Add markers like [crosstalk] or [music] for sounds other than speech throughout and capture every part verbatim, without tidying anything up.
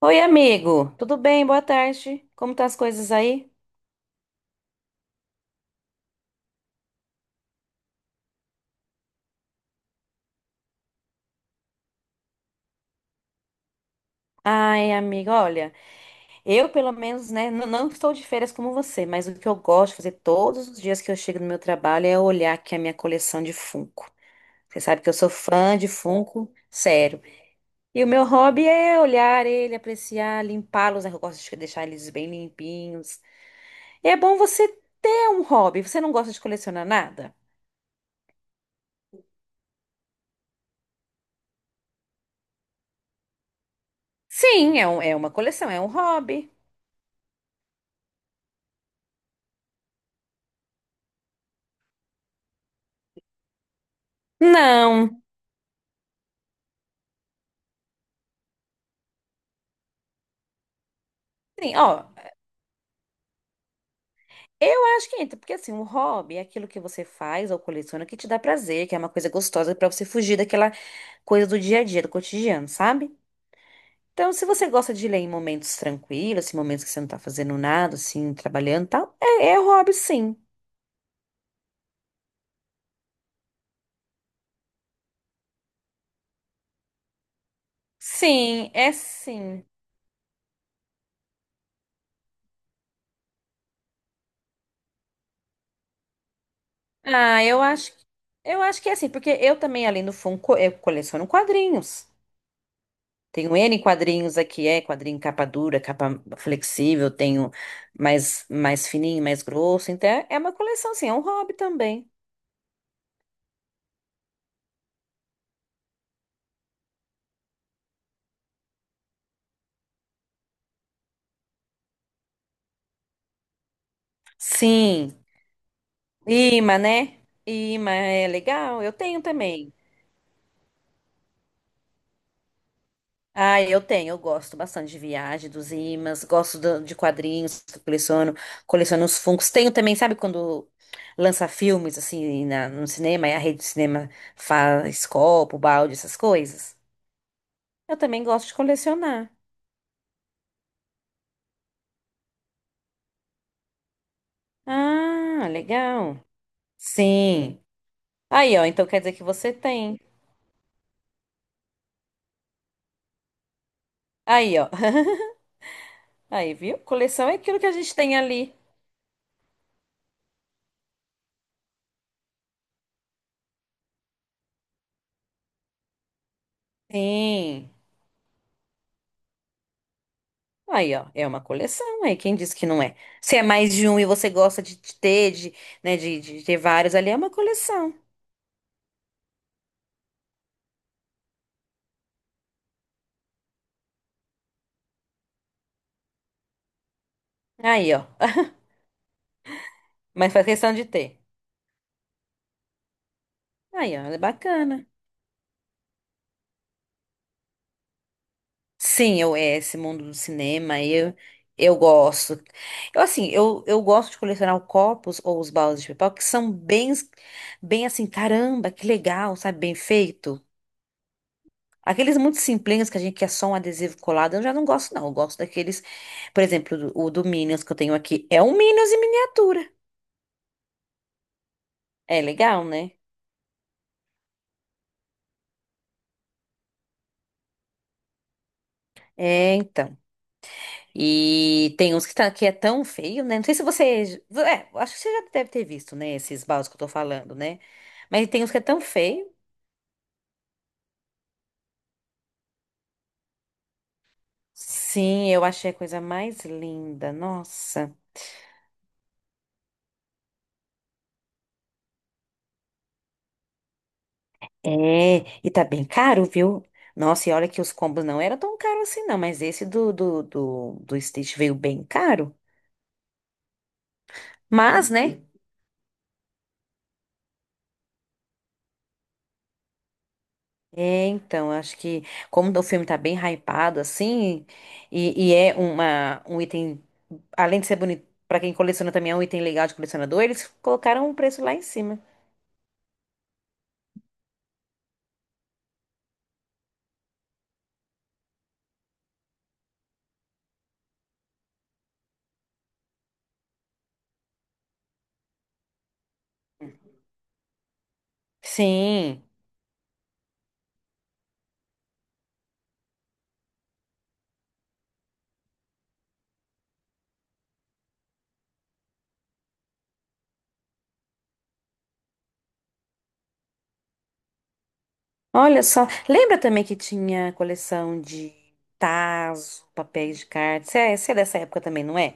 Oi, amigo. Tudo bem? Boa tarde. Como tá as coisas aí? Ai, amigo, olha, eu pelo menos, né, n- não estou de férias como você, mas o que eu gosto de fazer todos os dias que eu chego no meu trabalho é olhar aqui a minha coleção de Funko. Você sabe que eu sou fã de Funko, sério. E o meu hobby é olhar ele, apreciar, limpá-los, né? Eu gosto de deixar eles bem limpinhos. E é bom você ter um hobby. Você não gosta de colecionar nada? Sim, é um- é uma coleção, é um hobby. Não. Sim, ó. Eu acho que entra, porque assim, um hobby é aquilo que você faz ou coleciona que te dá prazer, que é uma coisa gostosa pra você fugir daquela coisa do dia a dia, do cotidiano, sabe? Então, se você gosta de ler em momentos tranquilos, em momentos que você não tá fazendo nada, assim, trabalhando e tal, é, é hobby, sim. Sim, é sim. Ah, eu acho, eu acho que é assim, porque eu também, além do fundo, eu coleciono quadrinhos. Tenho N quadrinhos aqui, é quadrinho capa dura, capa flexível, tenho mais, mais fininho, mais grosso. Então é é uma coleção, sim, é um hobby também. Sim, imã, né? Imã é legal, eu tenho também. Ah, eu tenho, eu gosto bastante de viagem, dos imãs, gosto do- de quadrinhos que eu coleciono, coleciono os Funkos. Tenho também, sabe quando lança filmes assim na- no cinema e a rede de cinema faz copo, balde, essas coisas? Eu também gosto de colecionar. Ah, legal. Sim. Aí, ó, então quer dizer que você tem. Aí, ó. [laughs] Aí, viu? Coleção é aquilo que a gente tem ali. Sim. Aí, ó, é uma coleção, aí quem disse que não é? Se é mais de um e você gosta de de ter, de, né, de, de ter vários ali, é uma coleção. Aí, ó. [laughs] Mas faz questão de ter. Aí, ó, é bacana. Sim, eu é esse mundo do cinema, eu eu gosto. Eu assim, eu, eu gosto de colecionar copos ou os baldes de papel que são bem bem assim, caramba, que legal, sabe, bem feito. Aqueles muito simplinhos que a gente quer só um adesivo colado, eu já não gosto não. Eu gosto daqueles, por exemplo, do- o do Minions que eu tenho aqui, é um Minions em miniatura. É legal, né? É, então. E tem uns que, tá, que é tão feio, né? Não sei se você. É, acho que você já deve ter visto, né? Esses baldes que eu tô falando, né? Mas tem uns que é tão feio. Sim, eu achei a coisa mais linda. Nossa. É, e tá bem caro, viu? Nossa, e olha que os combos não eram tão caros assim, não. Mas esse do, do, do, do Stitch veio bem caro. Mas, né? É, então, acho que como o filme tá bem hypado, assim, e, e é uma, um item, além de ser bonito, pra quem coleciona também é um item legal de colecionador, eles colocaram um preço lá em cima. Sim. Olha só, lembra também que tinha coleção de tazos, papéis de cartas? Você é, você é dessa época também, não é?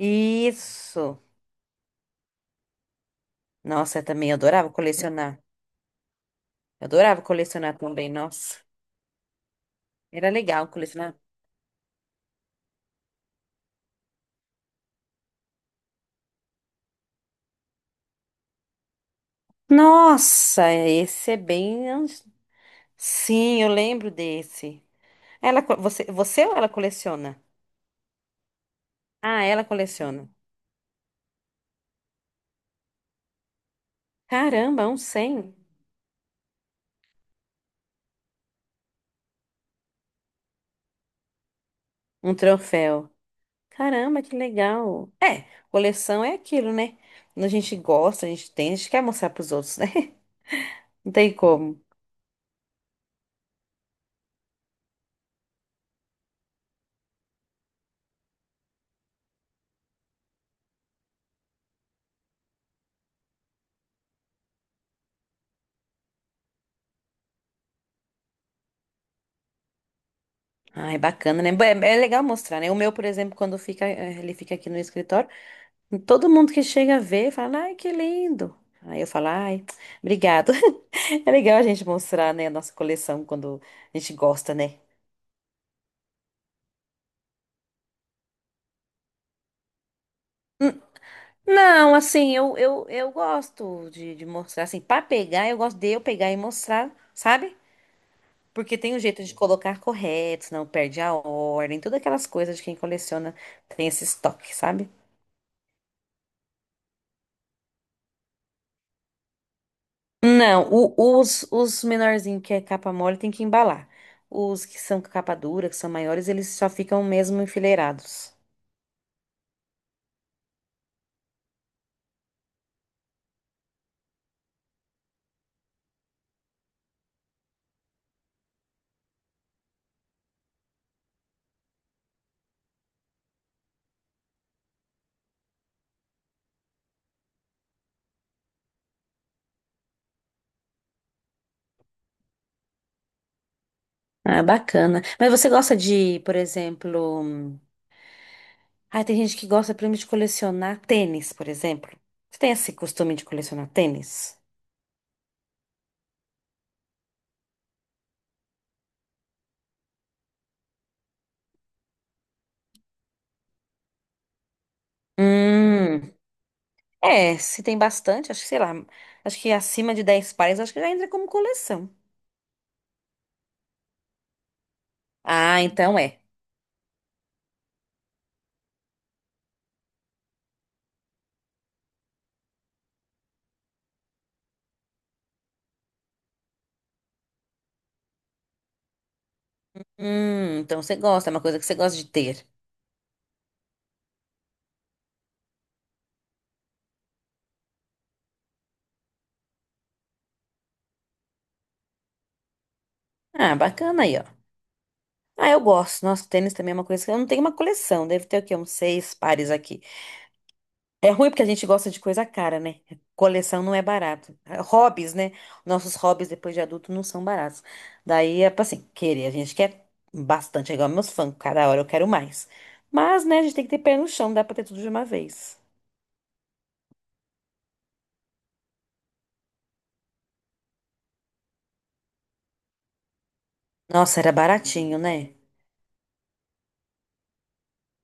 Isso. Nossa, eu também adorava colecionar. Eu adorava colecionar também, nossa. Era legal colecionar. Nossa, esse é bem. Sim, eu lembro desse. Ela, co- você, você ou ela coleciona? Ah, ela coleciona. Caramba, um cem, um troféu. Caramba, que legal. É, coleção é aquilo, né? Quando a gente gosta, a gente tem, a gente quer mostrar pros outros, né? [laughs] Não tem como. Ah, é bacana, né? Bom, É, é legal mostrar, né? O meu, por exemplo, quando fica, eh, ele fica aqui no escritório, todo mundo que chega vê fala, ai, que lindo. Aí eu falo, ai, [tsk] obrigado. [laughs] É legal a gente mostrar, né, a nossa coleção quando a gente gosta, né? Não, assim, eu, eu, eu gosto de, de mostrar, assim, pra pegar, eu gosto de eu pegar e mostrar, sabe? Porque tem um jeito de colocar correto, senão perde a ordem, todas aquelas coisas de quem coleciona tem esse estoque, sabe? Não, o- os, os menorzinhos que é capa mole tem que embalar. Os que são capa dura, que são maiores, eles só ficam mesmo enfileirados. Ah, bacana. Mas você gosta de, por exemplo. Ah, tem gente que gosta, por exemplo, de colecionar tênis, por exemplo. Você tem esse costume de colecionar tênis? Hum, é, se tem bastante, acho que, sei lá, acho que acima de dez pares, acho que já entra como coleção. Ah, então é. Hum, então você gosta, é uma coisa que você gosta de ter. Ah, bacana aí, ó. Ah, eu gosto. Nossa, tênis também é uma coisa que eu não tenho uma coleção, deve ter o quê? Uns seis pares aqui. É ruim porque a gente gosta de coisa cara, né? Coleção não é barato. Hobbies, né? Nossos hobbies depois de adulto não são baratos. Daí é pra assim, querer. A gente quer bastante, é igual meus fãs. Cada hora eu quero mais. Mas, né, a gente tem que ter pé no chão, dá pra ter tudo de uma vez. Nossa, era baratinho, né?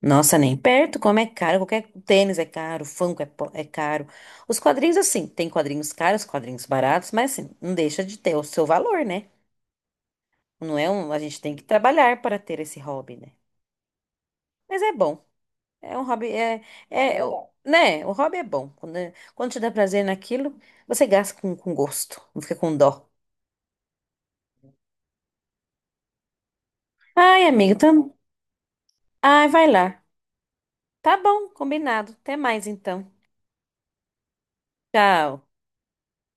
Nossa, nem perto, como é caro. Qualquer tênis é caro, Funko é, po- é caro. Os quadrinhos, assim, tem quadrinhos caros, quadrinhos baratos, mas assim, não deixa de ter o seu valor, né? Não é um. A gente tem que trabalhar para ter esse hobby, né? Mas é bom. É um hobby, é, é, é eu- né? O hobby é bom. Quando, quando te dá prazer naquilo, você gasta com, com, gosto, não fica com dó. Ai, amigo, tam... Ai, vai lá. Tá bom, combinado. Até mais então. Tchau.